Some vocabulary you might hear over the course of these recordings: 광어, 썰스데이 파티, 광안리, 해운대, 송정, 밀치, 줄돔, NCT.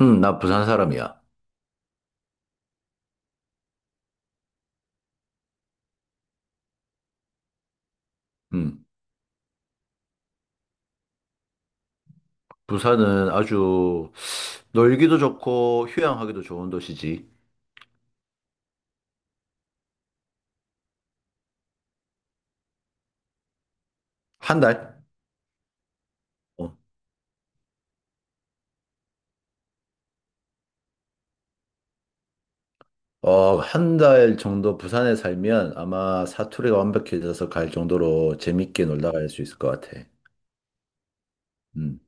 나 부산 사람이야. 음. 부산은 아주 놀기도 좋고 휴양하기도 좋은 도시지. 한 달? 어, 한 달 정도 부산에 살면 아마 사투리가 완벽해져서 갈 정도로 재밌게 놀다 갈 수 있을 것 같아. 음.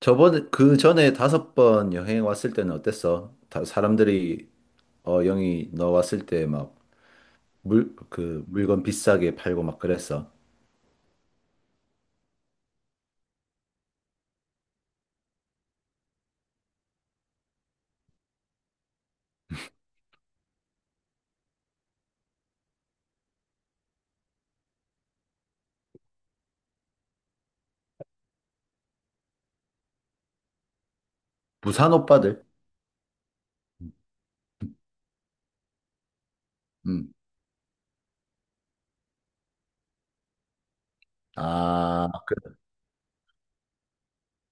저번에 그 전에 다섯 번 여행 왔을 때는 어땠어? 사람들이 영희 너 왔을 때 막 그 물건 비싸게 팔고 막 그랬어. 부산 오빠들? 음. 아, 그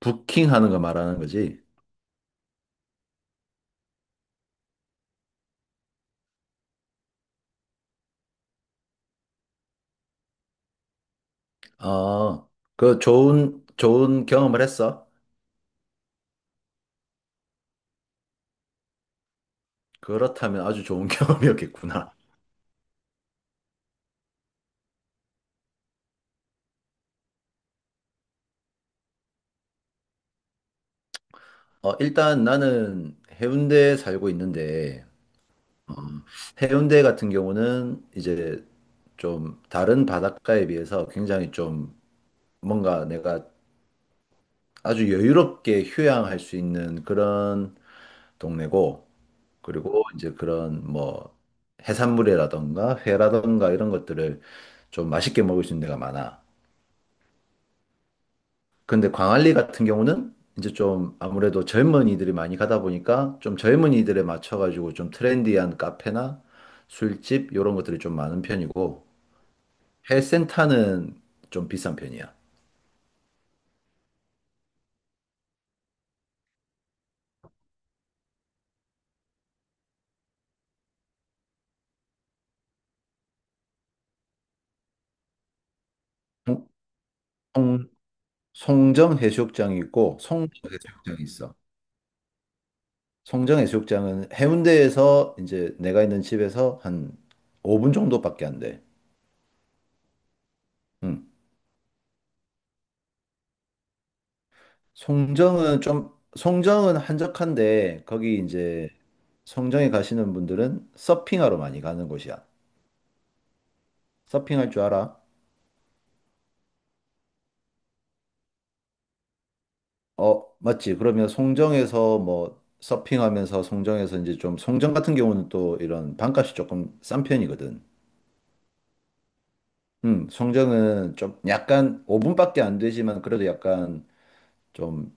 부킹하는 거 말하는 거지? 아, 그 좋은 경험을 했어? 그렇다면 아주 좋은 경험이었겠구나. 일단 나는 해운대에 살고 있는데, 해운대 같은 경우는 이제 좀 다른 바닷가에 비해서 굉장히 좀 뭔가 내가 아주 여유롭게 휴양할 수 있는 그런 동네고, 그리고 이제 그런 뭐 해산물이라던가 회라던가 이런 것들을 좀 맛있게 먹을 수 있는 데가 많아. 근데 광안리 같은 경우는 이제 좀 아무래도 젊은이들이 많이 가다 보니까 좀 젊은이들에 맞춰가지고 좀 트렌디한 카페나 술집 이런 것들이 좀 많은 편이고 해센터는 좀 비싼 편이야. 송, 송- 송정 해수욕장이 있고 송정 해수욕장이 있어. 송정 해수욕장은 해운대에서 이제 내가 있는 집에서 한 5분 정도밖에 안 돼. 응. 송정은 한적한데 거기 이제 송정에 가시는 분들은 서핑하러 많이 가는 곳이야. 서핑할 줄 알아? 어, 맞지. 그러면 송정에서 뭐 서핑하면서 송정에서 이제 좀 송정 같은 경우는 또 이런 방값이 조금 싼 편이거든. 송정은 좀 약간 5분밖에 안 되지만 그래도 약간 좀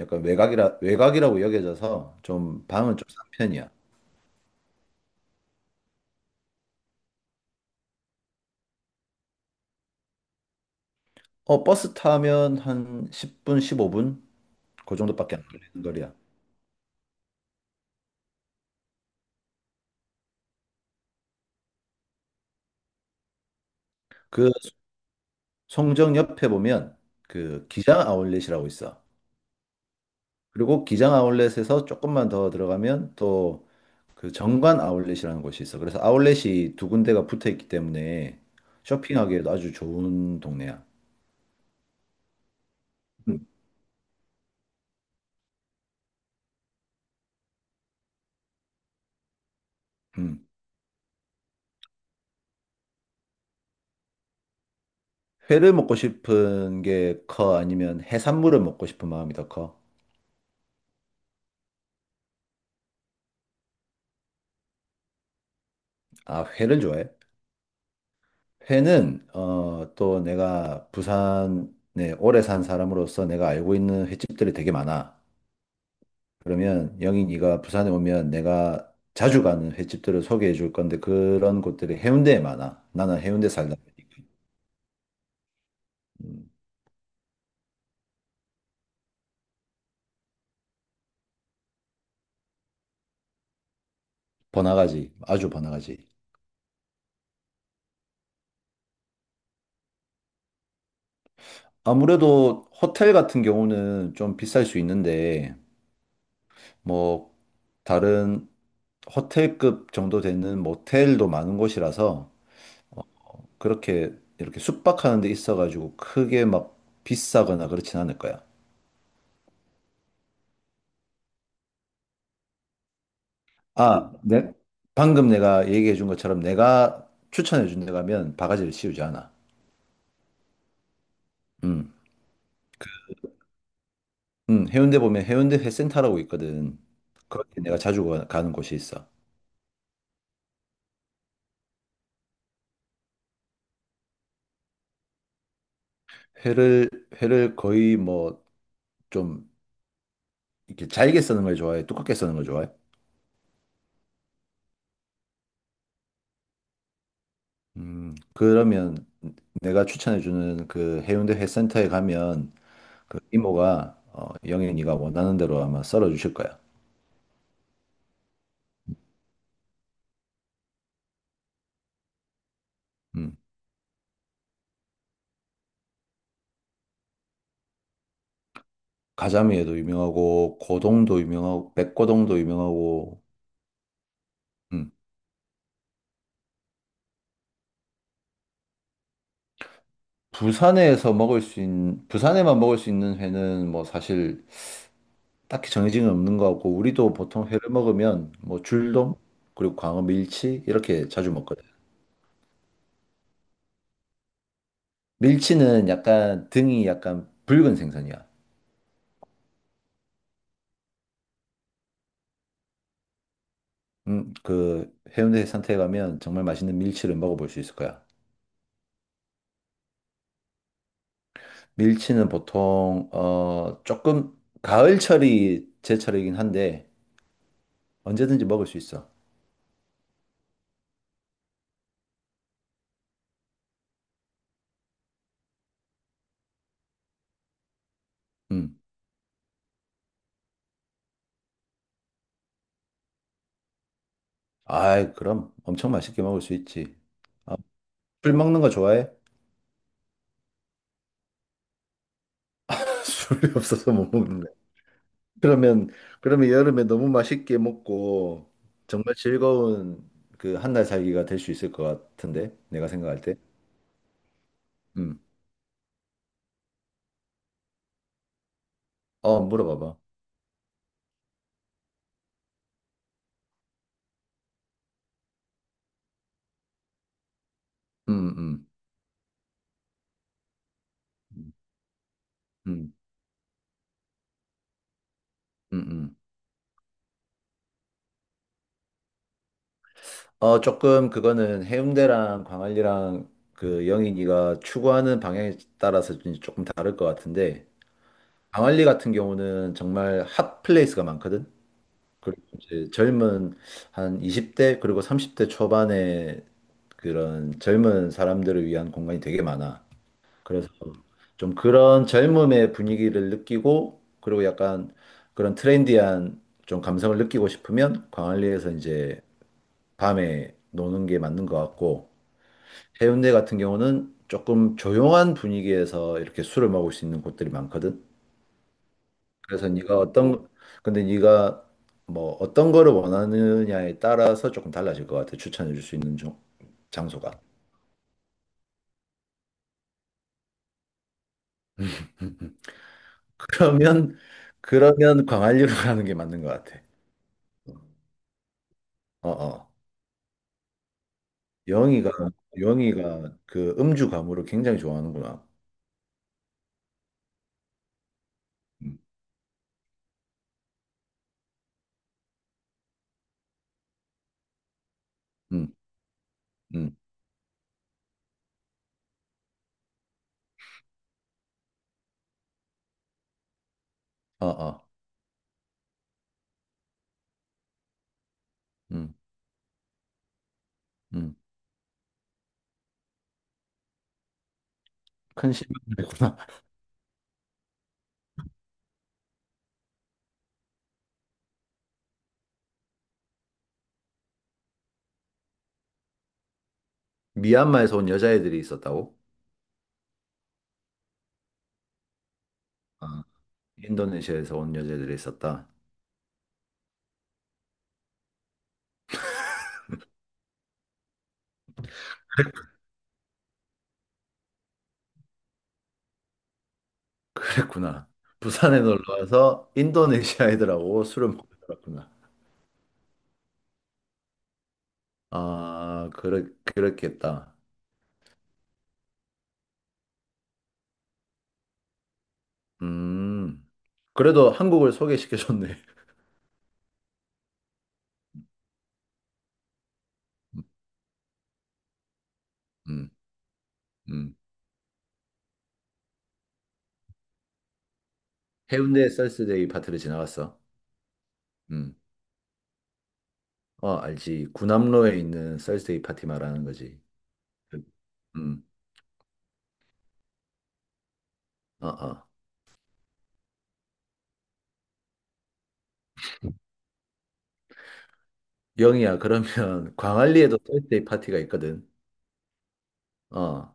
약간 외곽이라고 여겨져서 좀 방은 좀 싼 편이야. 버스 타면 한 10분, 15분? 그 정도밖에 안 걸리는 거리야. 그 송정 옆에 보면 그 기장 아울렛이라고 있어. 그리고 기장 아울렛에서 조금만 더 들어가면 또 그 정관 아울렛이라는 곳이 있어. 그래서 아울렛이 두 군데가 붙어 있기 때문에 쇼핑하기에도 아주 좋은 동네야. 음. 음. 회를 먹고 싶은 게 커? 아니면 해산물을 먹고 싶은 마음이 더 커? 아, 회를 좋아해? 회는 또 내가 부산에 오래 산 사람으로서 내가 알고 있는 횟집들이 되게 많아. 그러면 영희 네가 부산에 오면 내가 자주 가는 횟집들을 소개해 줄 건데 그런 곳들이 해운대에 많아. 나는 해운대 살다 보니까 음, 번화가지, 아주 번화가지. 아무래도 호텔 같은 경우는 좀 비쌀 수 있는데 뭐 다른 호텔급 정도 되는 모텔도 많은 곳이라서 그렇게 이렇게 숙박하는 데 있어가지고 크게 막 비싸거나 그렇진 않을 거야. 아, 네. 방금 내가 얘기해 준 것처럼 내가 추천해 준 데 가면 바가지를 씌우지 않아. 음. 해운대 보면 해운대 회센터라고 있거든. 거기 내가 자주 가는 곳이 있어. 회를 회를 거의 뭐 좀 이렇게 잘게 써는 걸 좋아해? 두껍게 써는 걸 좋아해? 음. 그러면 내가 추천해 주는 그 해운대 회센터에 가면 그 이모가 영애 네가 원하는 대로 아마 썰어 주실 거야. 음. 가자미에도 유명하고 고동도 유명하고 백고동도 유명하고. 음. 부산에서 먹을 수 있는, 부산에만 먹을 수 있는 회는 뭐 사실 딱히 정해진 건 없는 것 같고, 우리도 보통 회를 먹으면 뭐 줄돔, 그리고 광어 밀치, 이렇게 자주 먹거든. 밀치는 약간 등이 약간 붉은 생선이야. 그 해운대 해상태에 가면 정말 맛있는 밀치를 먹어볼 수 있을 거야. 밀치는 보통, 조금 가을철이 제철이긴 한데, 언제든지 먹을 수 있어. 음. 아이, 그럼 엄청 맛있게 먹을 수 있지. 어, 술 먹는 거 좋아해? 술이 없어서 못 먹는데. 그러면 그러면 여름에 너무 맛있게 먹고 정말 즐거운 그 한 달 살기가 될 수 있을 것 같은데 내가 생각할 때. 음. 어, 물어봐봐. 음, 음, 음, 음, 음. 조금 그거는 해운대랑 광안리랑 그 영인이가 추구하는 방향에 따라서 조금 다를 것 같은데 광안리 같은 경우는 정말 핫 플레이스가 많거든. 그리고 이제 젊은 한 20대 그리고 30대 초반에 그런 젊은 사람들을 위한 공간이 되게 많아. 그래서 좀 그런 젊음의 분위기를 느끼고 그리고 약간 그런 트렌디한 좀 감성을 느끼고 싶으면 광안리에서 이제 밤에 노는 게 맞는 것 같고 해운대 같은 경우는 조금 조용한 분위기에서 이렇게 술을 먹을 수 있는 곳들이 많거든. 그래서 네가 어떤 근데 네가 뭐 어떤 거를 원하느냐에 따라서 조금 달라질 것 같아. 추천해 줄 수 있는 장소가. 그러면 그러면 광안리로 가는 게 맞는 것 같아. 어, 어. 영희가 영희가 그 음주 가무를 굉장히 좋아하는구나. 음, 음, 음. 어, 어. 음, 음. 큰 실망이구나. 미얀마에서 온 여자애들이 있었다고? 아, 인도네시아에서 온 여자애들이 있었다. 그랬구나. 부산에 놀러 와서 인도네시아 애들하고 술을 먹고 놀았구나. 아, 그래, 그랬겠다. 음. 그래도 한국을 소개시켜줬네. 음, 음. 음. 해운대 썰스데이 파티를 지나갔어. 음. 어, 알지. 구남로에 있는 썰스데이 파티 말하는 거지. 음. 어, 어. 영희야, 그러면 광안리에도 썰스데이 파티가 있거든. 어.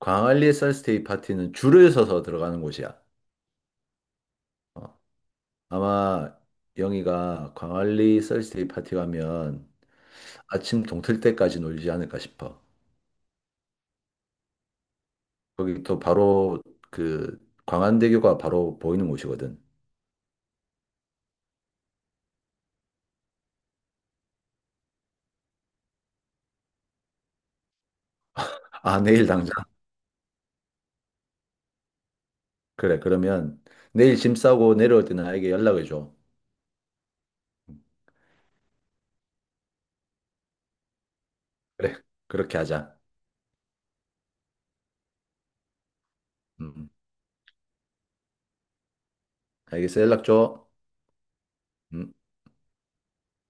광안리 썰스데이 파티는 줄을 서서 들어가는 곳이야. 어. 아마 영희가 광안리 썰스데이 파티 가면 아침 동틀 때까지 놀지 않을까 싶어. 거기 또 바로 그 광안대교가 바로 보이는 곳이거든. 아, 내일 당장. 그래, 그러면 내일 짐 싸고 내려올 때 나에게 연락을 줘. 음, 그래, 그렇게 하자. 음, 알겠어. 연락 줘. 음.